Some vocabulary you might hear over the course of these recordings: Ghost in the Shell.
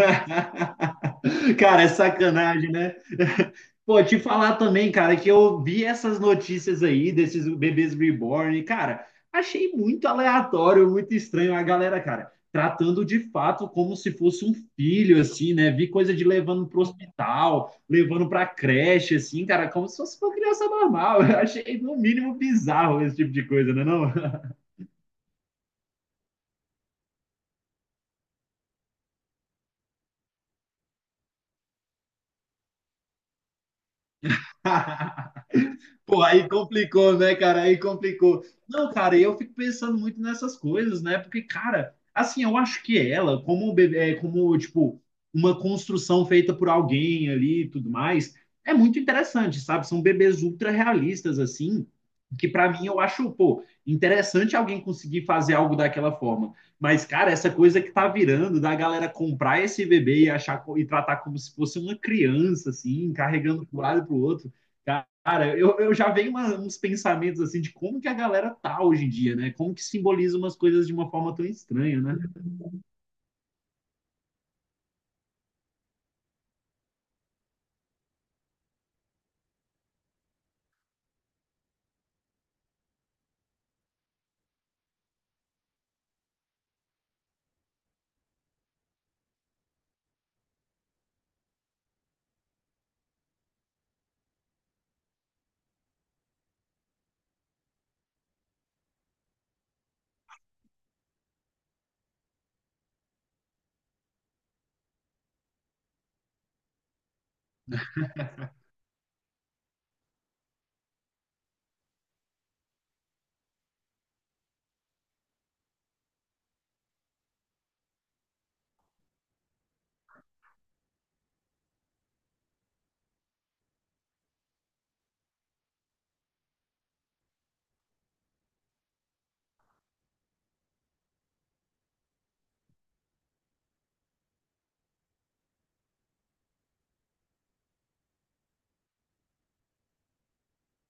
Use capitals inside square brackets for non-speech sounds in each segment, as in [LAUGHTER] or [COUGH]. [LAUGHS] Cara, é sacanagem, né? [LAUGHS] Pô, te falar também, cara, que eu vi essas notícias aí desses bebês reborn, e, cara, achei muito aleatório, muito estranho a galera, cara, tratando de fato como se fosse um filho, assim, né? Vi coisa de levando pro hospital, levando pra creche, assim, cara, como se fosse uma criança normal. [LAUGHS] Eu achei, no mínimo, bizarro esse tipo de coisa, né, não? [LAUGHS] Pô, aí complicou, né, cara? Aí complicou. Não, cara, eu fico pensando muito nessas coisas, né? Porque, cara, assim, eu acho que ela, como, como tipo, uma construção feita por alguém ali e tudo mais, é muito interessante, sabe? São bebês ultra realistas, assim, que pra mim eu acho, pô, interessante alguém conseguir fazer algo daquela forma. Mas, cara, essa coisa que tá virando da galera comprar esse bebê e e tratar como se fosse uma criança, assim, carregando pro lado e pro outro. Cara, eu já venho uns pensamentos assim de como que a galera tá hoje em dia, né? Como que simboliza umas coisas de uma forma tão estranha, né?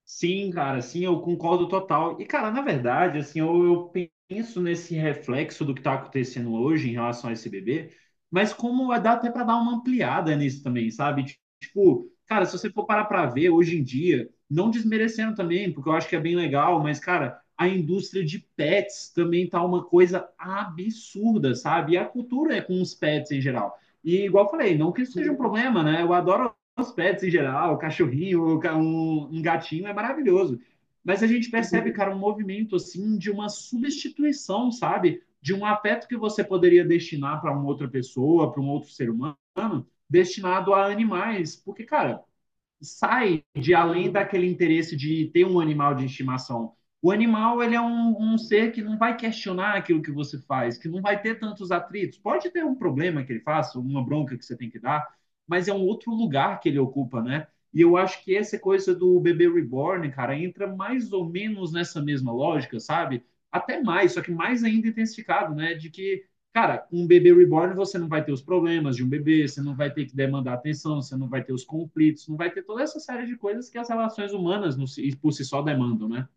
Sim, cara, sim, eu concordo total. E, cara, na verdade, assim, eu penso nesse reflexo do que está acontecendo hoje em relação a esse bebê, mas dá até para dar uma ampliada nisso também, sabe? Tipo, cara, se você for parar para ver hoje em dia, não desmerecendo também, porque eu acho que é bem legal, mas, cara, a indústria de pets também tá uma coisa absurda, sabe? E a cultura é com os pets em geral. E, igual eu falei, não que isso seja um problema, né? Eu adoro os pets em geral, o cachorrinho, um gatinho é maravilhoso. Mas a gente percebe, cara, um movimento assim de uma substituição, sabe? De um afeto que você poderia destinar para uma outra pessoa, para um outro ser humano, destinado a animais. Porque, cara, sai de além daquele interesse de ter um animal de estimação. O animal, ele é um ser que não vai questionar aquilo que você faz, que não vai ter tantos atritos. Pode ter um problema que ele faça, uma bronca que você tem que dar, mas é um outro lugar que ele ocupa, né? E eu acho que essa coisa do bebê reborn, cara, entra mais ou menos nessa mesma lógica, sabe? Até mais, só que mais ainda intensificado, né? De que cara, com um bebê reborn você não vai ter os problemas de um bebê, você não vai ter que demandar atenção, você não vai ter os conflitos, não vai ter toda essa série de coisas que as relações humanas si, por si só demandam, né?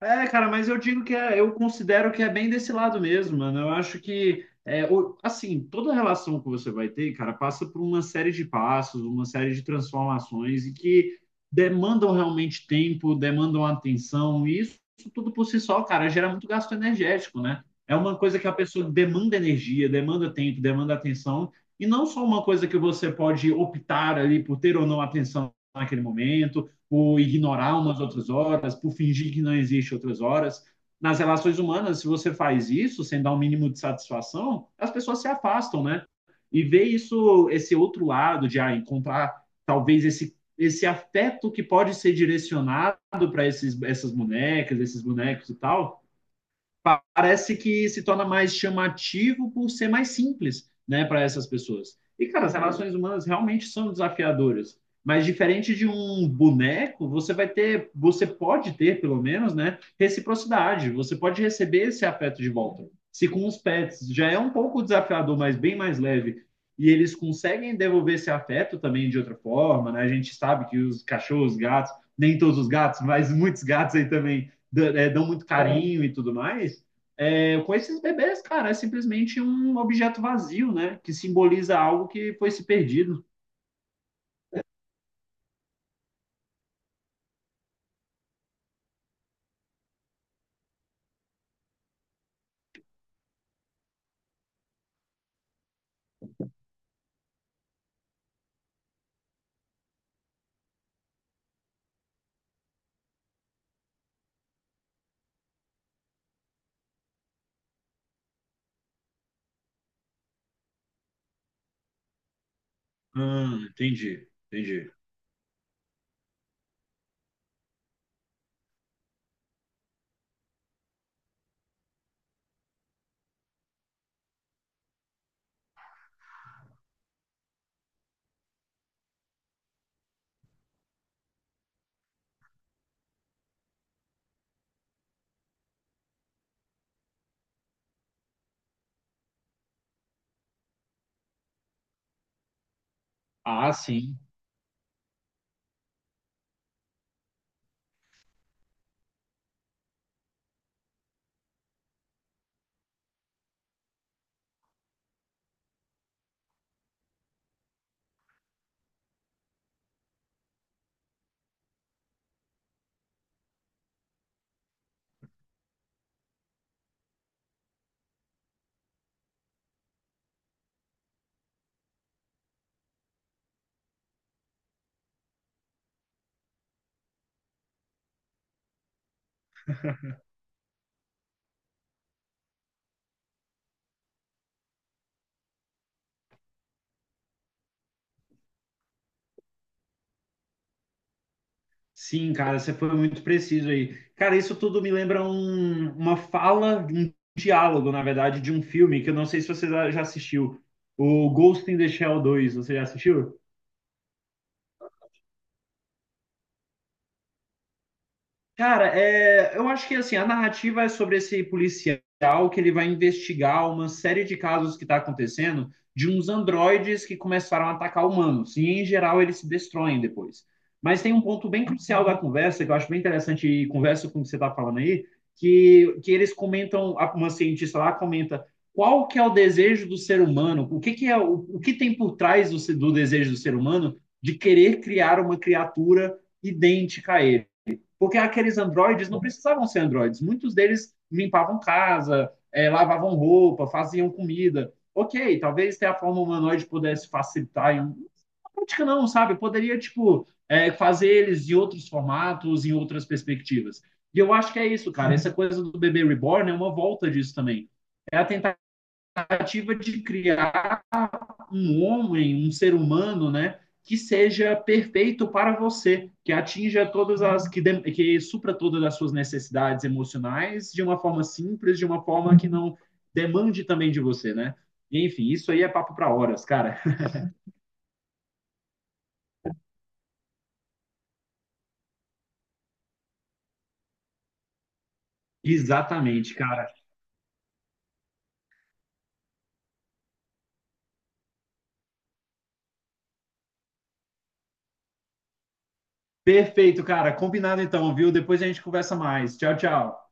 É, cara, mas eu digo que é, eu considero que é bem desse lado mesmo, mano. Eu acho que, é, assim, toda relação que você vai ter, cara, passa por uma série de passos, uma série de transformações e que demandam realmente tempo, demandam atenção, e isso tudo por si só, cara, gera muito gasto energético, né? É uma coisa que a pessoa demanda energia, demanda tempo, demanda atenção, e não só uma coisa que você pode optar ali por ter ou não atenção naquele momento por ignorar umas outras horas, por fingir que não existe outras horas. Nas relações humanas, se você faz isso sem dar um mínimo de satisfação, as pessoas se afastam, né? E ver isso, esse outro lado de ah, encontrar talvez esse afeto que pode ser direcionado para esses essas bonecas, esses bonecos e tal, parece que se torna mais chamativo por ser mais simples, né, para essas pessoas. E, cara, as relações humanas realmente são desafiadoras. Mas diferente de um boneco, você vai ter, você pode ter, pelo menos, né, reciprocidade. Você pode receber esse afeto de volta. Se com os pets já é um pouco desafiador, mas bem mais leve, e eles conseguem devolver esse afeto também de outra forma, né? A gente sabe que os cachorros, gatos, nem todos os gatos, mas muitos gatos aí também dão muito carinho e tudo mais. É, com esses bebês, cara, é simplesmente um objeto vazio, né? Que simboliza algo que foi se perdido. Entendi, entendi. Ah, sim. Sim, cara, você foi muito preciso aí. Cara, isso tudo me lembra uma fala, um diálogo, na verdade, de um filme que eu não sei se você já assistiu. O Ghost in the Shell dois, você já assistiu? Cara, é, eu acho que assim, a narrativa é sobre esse policial que ele vai investigar uma série de casos que está acontecendo de uns androides que começaram a atacar humanos. E em geral eles se destroem depois. Mas tem um ponto bem crucial da conversa, que eu acho bem interessante, e conversa com o que você está falando aí, que eles comentam, uma cientista lá comenta qual que é o desejo do ser humano, o que, que é o que tem por trás do, do desejo do ser humano de querer criar uma criatura idêntica a ele. Porque aqueles androides não precisavam ser androides. Muitos deles limpavam casa, é, lavavam roupa, faziam comida. Ok, talvez ter a forma humanoide pudesse facilitar. Na prática, não, sabe? Poderia, tipo, é, fazer eles em outros formatos, em outras perspectivas. E eu acho que é isso, cara. Essa coisa do bebê reborn é uma volta disso também. É a tentativa de criar um homem, um ser humano, né? Que seja perfeito para você, que supra todas as suas necessidades emocionais de uma forma simples, de uma forma que não demande também de você, né? Enfim, isso aí é papo para horas, cara. [LAUGHS] Exatamente, cara. Perfeito, cara. Combinado então, viu? Depois a gente conversa mais. Tchau, tchau.